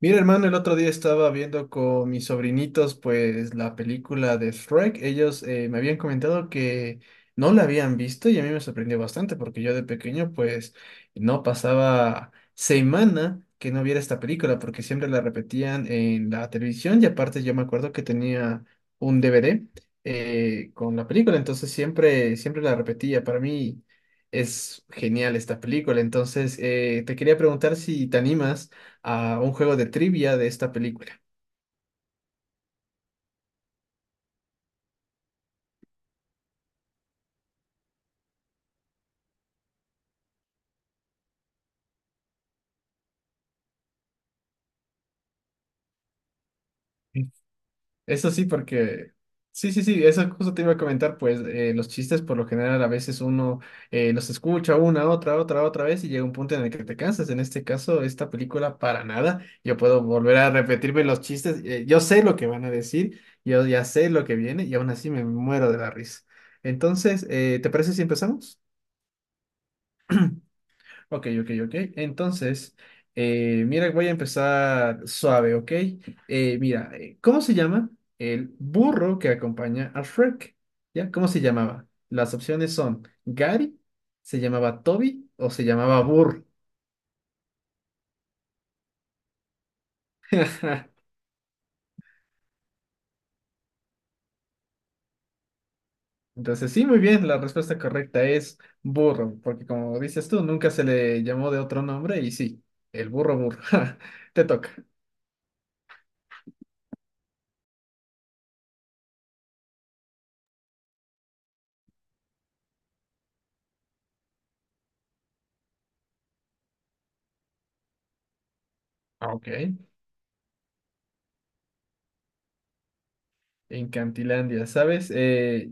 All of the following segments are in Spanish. Mira, hermano, el otro día estaba viendo con mis sobrinitos, pues, la película de Shrek. Ellos me habían comentado que no la habían visto y a mí me sorprendió bastante porque yo de pequeño, pues, no pasaba semana que no viera esta película porque siempre la repetían en la televisión y aparte yo me acuerdo que tenía un DVD con la película, entonces siempre la repetía. Para mí es genial esta película, entonces te quería preguntar si te animas a un juego de trivia de esta película. Eso sí, porque... Sí, sí, sí, eso justo te iba a comentar, pues los chistes por lo general a veces uno los escucha una, otra vez y llega un punto en el que te cansas. En este caso, esta película para nada. Yo puedo volver a repetirme los chistes. Yo sé lo que van a decir, yo ya sé lo que viene y aún así me muero de la risa. Entonces, ¿te parece si empezamos? Ok, ok, ok. Entonces, mira, voy a empezar suave, ¿ok? Mira, ¿cómo se llama el burro que acompaña a Shrek? ¿Ya? ¿Cómo se llamaba? Las opciones son Gary, se llamaba Toby o se llamaba Burr. Entonces, sí, muy bien, la respuesta correcta es burro, porque como dices tú, nunca se le llamó de otro nombre y sí, el burro burro. Te toca. Ok. En Cantilandia, ¿sabes?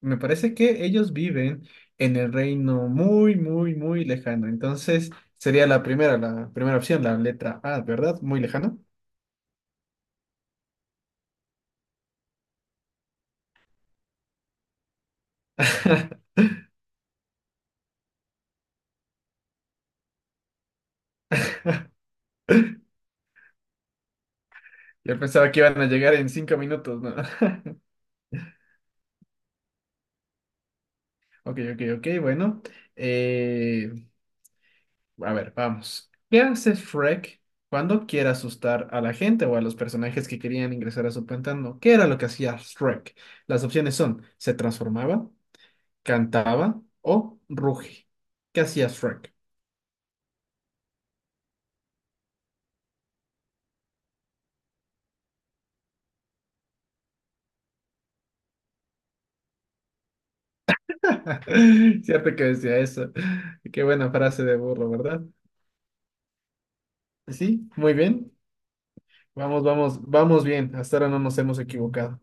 Me parece que ellos viven en el reino muy, muy, muy lejano. Entonces, sería la primera opción, la letra A, ¿verdad? Muy lejano. Yo pensaba que iban a llegar en cinco minutos, ¿no? Ok, ok, ok, bueno. Eh, a ver, vamos. ¿Qué hace Shrek cuando quiere asustar a la gente o a los personajes que querían ingresar a su pantano? ¿Qué era lo que hacía Shrek? Las opciones son, se transformaba, cantaba o ruge. ¿Qué hacía Shrek? Cierto que decía eso. Qué buena frase de burro, ¿verdad? Pues sí, muy bien. Vamos, vamos, vamos bien. Hasta ahora no nos hemos equivocado.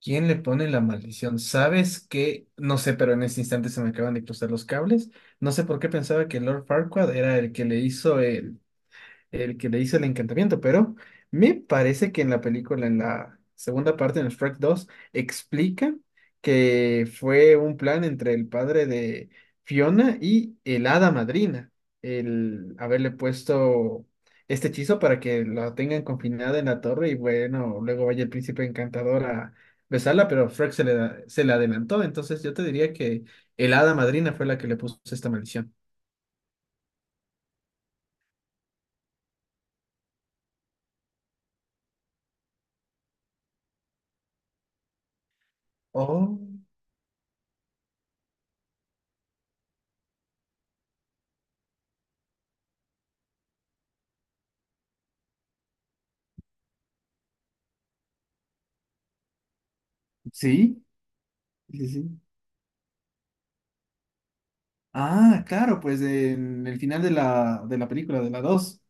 ¿Quién le pone la maldición? ¿Sabes qué? No sé, pero en este instante se me acaban de cruzar los cables. No sé por qué pensaba que Lord Farquaad era el que le hizo el que le hizo el encantamiento, pero me parece que en la película, en la segunda parte, en el Shrek 2 explica que fue un plan entre el padre de Fiona y el hada madrina, el haberle puesto este hechizo para que la tengan confinada en la torre y bueno, luego vaya el príncipe encantador a besarla, pero Shrek se le, se le adelantó, entonces yo te diría que el hada madrina fue la que le puso esta maldición. Oh, sí, sí, sí. Ah, claro, pues en el final de de la película, de la 2.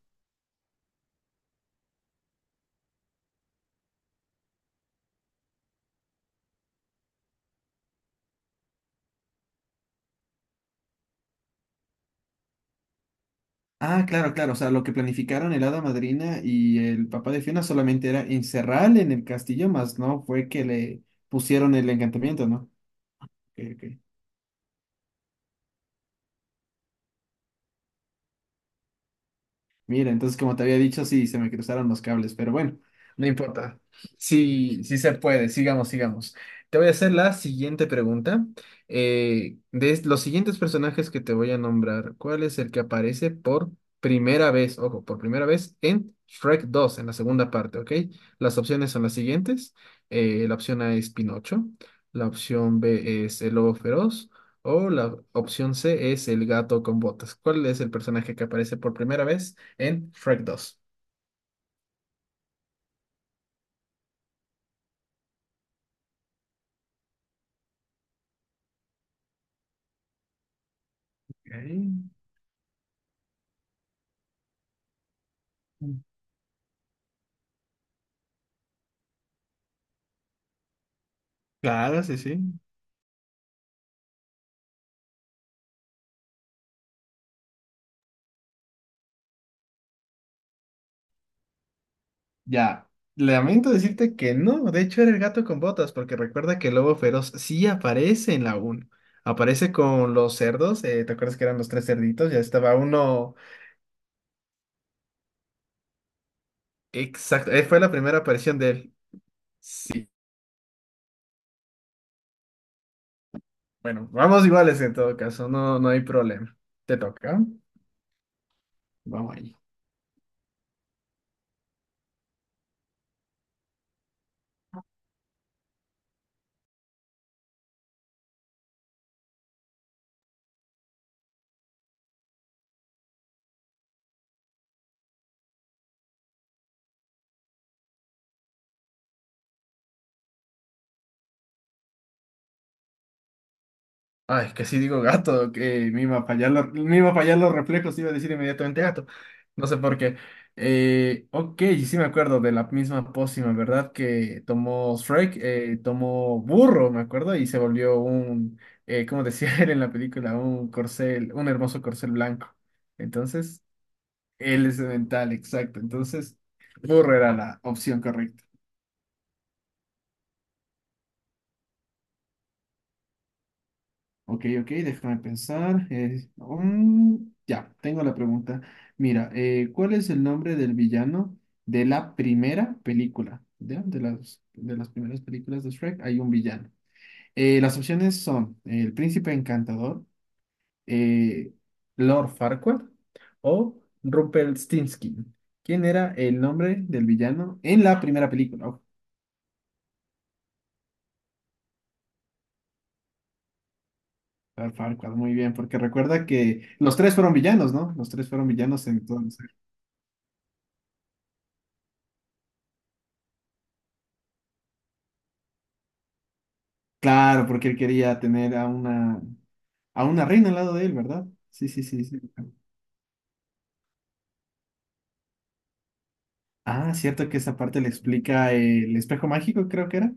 Ah, claro, claro. O sea, lo que planificaron el Hada Madrina y el papá de Fiona solamente era encerrarle en el castillo, más no fue que le pusieron el encantamiento, ¿no? Ok, ok. Mira, entonces como te había dicho, sí, se me cruzaron los cables, pero bueno, no importa. Sí, sí se puede, sigamos, sigamos. Te voy a hacer la siguiente pregunta. De los siguientes personajes que te voy a nombrar, ¿cuál es el que aparece por primera vez, ojo, por primera vez en Shrek 2, en la segunda parte, ¿ok? Las opciones son las siguientes. La opción A es Pinocho, la opción B es el lobo feroz. O la opción C es el gato con botas. ¿Cuál es el personaje que aparece por primera vez en Shrek 2? Ok. Claro, sí, sí. Ya, lamento decirte que no, de hecho era el gato con botas, porque recuerda que el lobo feroz sí aparece en la uno. Aparece con los cerdos, ¿te acuerdas que eran los tres cerditos? Ya estaba uno, exacto, fue la primera aparición de él. Sí, bueno, vamos iguales en todo caso, no, no hay problema. Te toca. Vamos ahí. Ay, que si digo gato, que me iba a fallar, me iba a fallar los reflejos, iba a decir inmediatamente gato. No sé por qué. Ok, sí me acuerdo de la misma pócima, ¿verdad? Que tomó Shrek, tomó burro, me acuerdo, y se volvió un, como decía él en la película, un corcel, un hermoso corcel blanco. Entonces, él es mental, exacto. Entonces, burro era la opción correcta. Ok, ok, déjame pensar. Ya, tengo la pregunta. Mira, ¿cuál es el nombre del villano de la primera película? ¿Ya? De de las primeras películas de Shrek hay un villano. Las opciones son el príncipe encantador, eh, Lord Farquaad o Rumpelstiltskin. ¿Quién era el nombre del villano en la primera película? Oh, Lord Farquaad, muy bien, porque recuerda que los tres fueron villanos, ¿no? Los tres fueron villanos entonces. Claro, porque él quería tener a una reina al lado de él, ¿verdad? Sí, sí, sí, sí. Ah, cierto que esa parte le explica el espejo mágico, creo que era.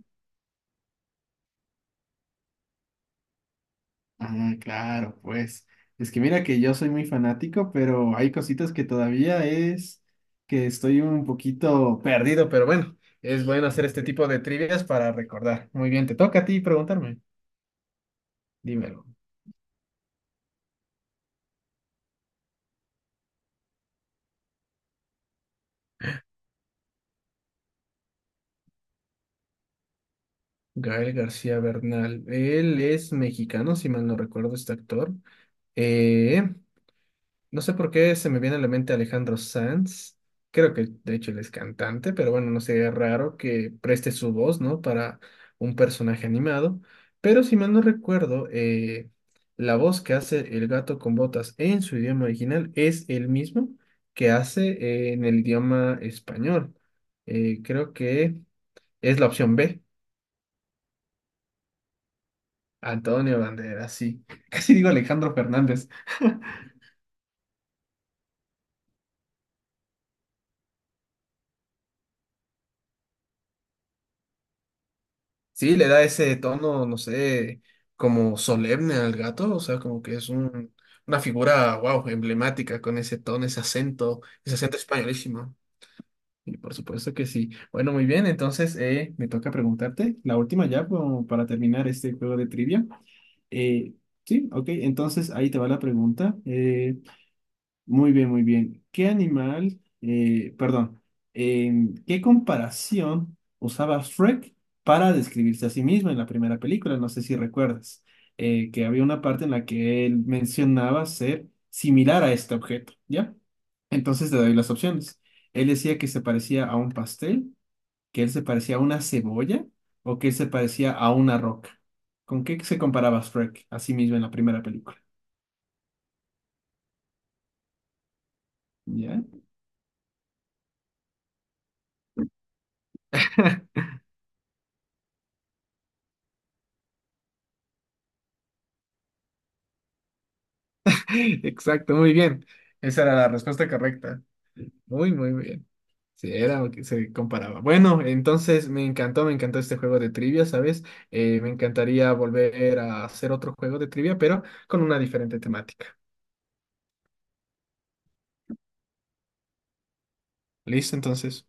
Ah, claro, pues. Es que mira que yo soy muy fanático, pero hay cositas que todavía es que estoy un poquito perdido, pero bueno, es bueno hacer este tipo de trivias para recordar. Muy bien, te toca a ti preguntarme. Dímelo. Gael García Bernal, él es mexicano, si mal no recuerdo, este actor. Eh, No sé por qué se me viene a la mente Alejandro Sanz. Creo que de hecho él es cantante, pero bueno, no sería raro que preste su voz, ¿no? Para un personaje animado. Pero si mal no recuerdo, la voz que hace el gato con botas en su idioma original es el mismo que hace en el idioma español. Creo que es la opción B. Antonio Banderas, sí. Casi digo Alejandro Fernández. Sí, le da ese tono, no sé, como solemne al gato, o sea, como que es un, una figura, wow, emblemática con ese tono, ese acento españolísimo. Y por supuesto que sí. Bueno, muy bien, entonces me toca preguntarte, la última ya como para terminar este juego de trivia. Eh, sí, ok, entonces ahí te va la pregunta. Muy bien, muy bien. ¿Qué animal, perdón, qué comparación usaba Shrek para describirse a sí mismo en la primera película? No sé si recuerdas, que había una parte en la que él mencionaba ser similar a este objeto, ¿ya? Entonces te doy las opciones. Él decía que se parecía a un pastel, que él se parecía a una cebolla o que él se parecía a una roca. ¿Con qué se comparaba Shrek a sí mismo en la primera película? ¿Ya? Exacto, muy bien. Esa era la respuesta correcta. Muy, muy bien. Sí, era lo que se comparaba. Bueno, entonces me encantó este juego de trivia, ¿sabes? Me encantaría volver a hacer otro juego de trivia, pero con una diferente temática. ¿Listo? Entonces.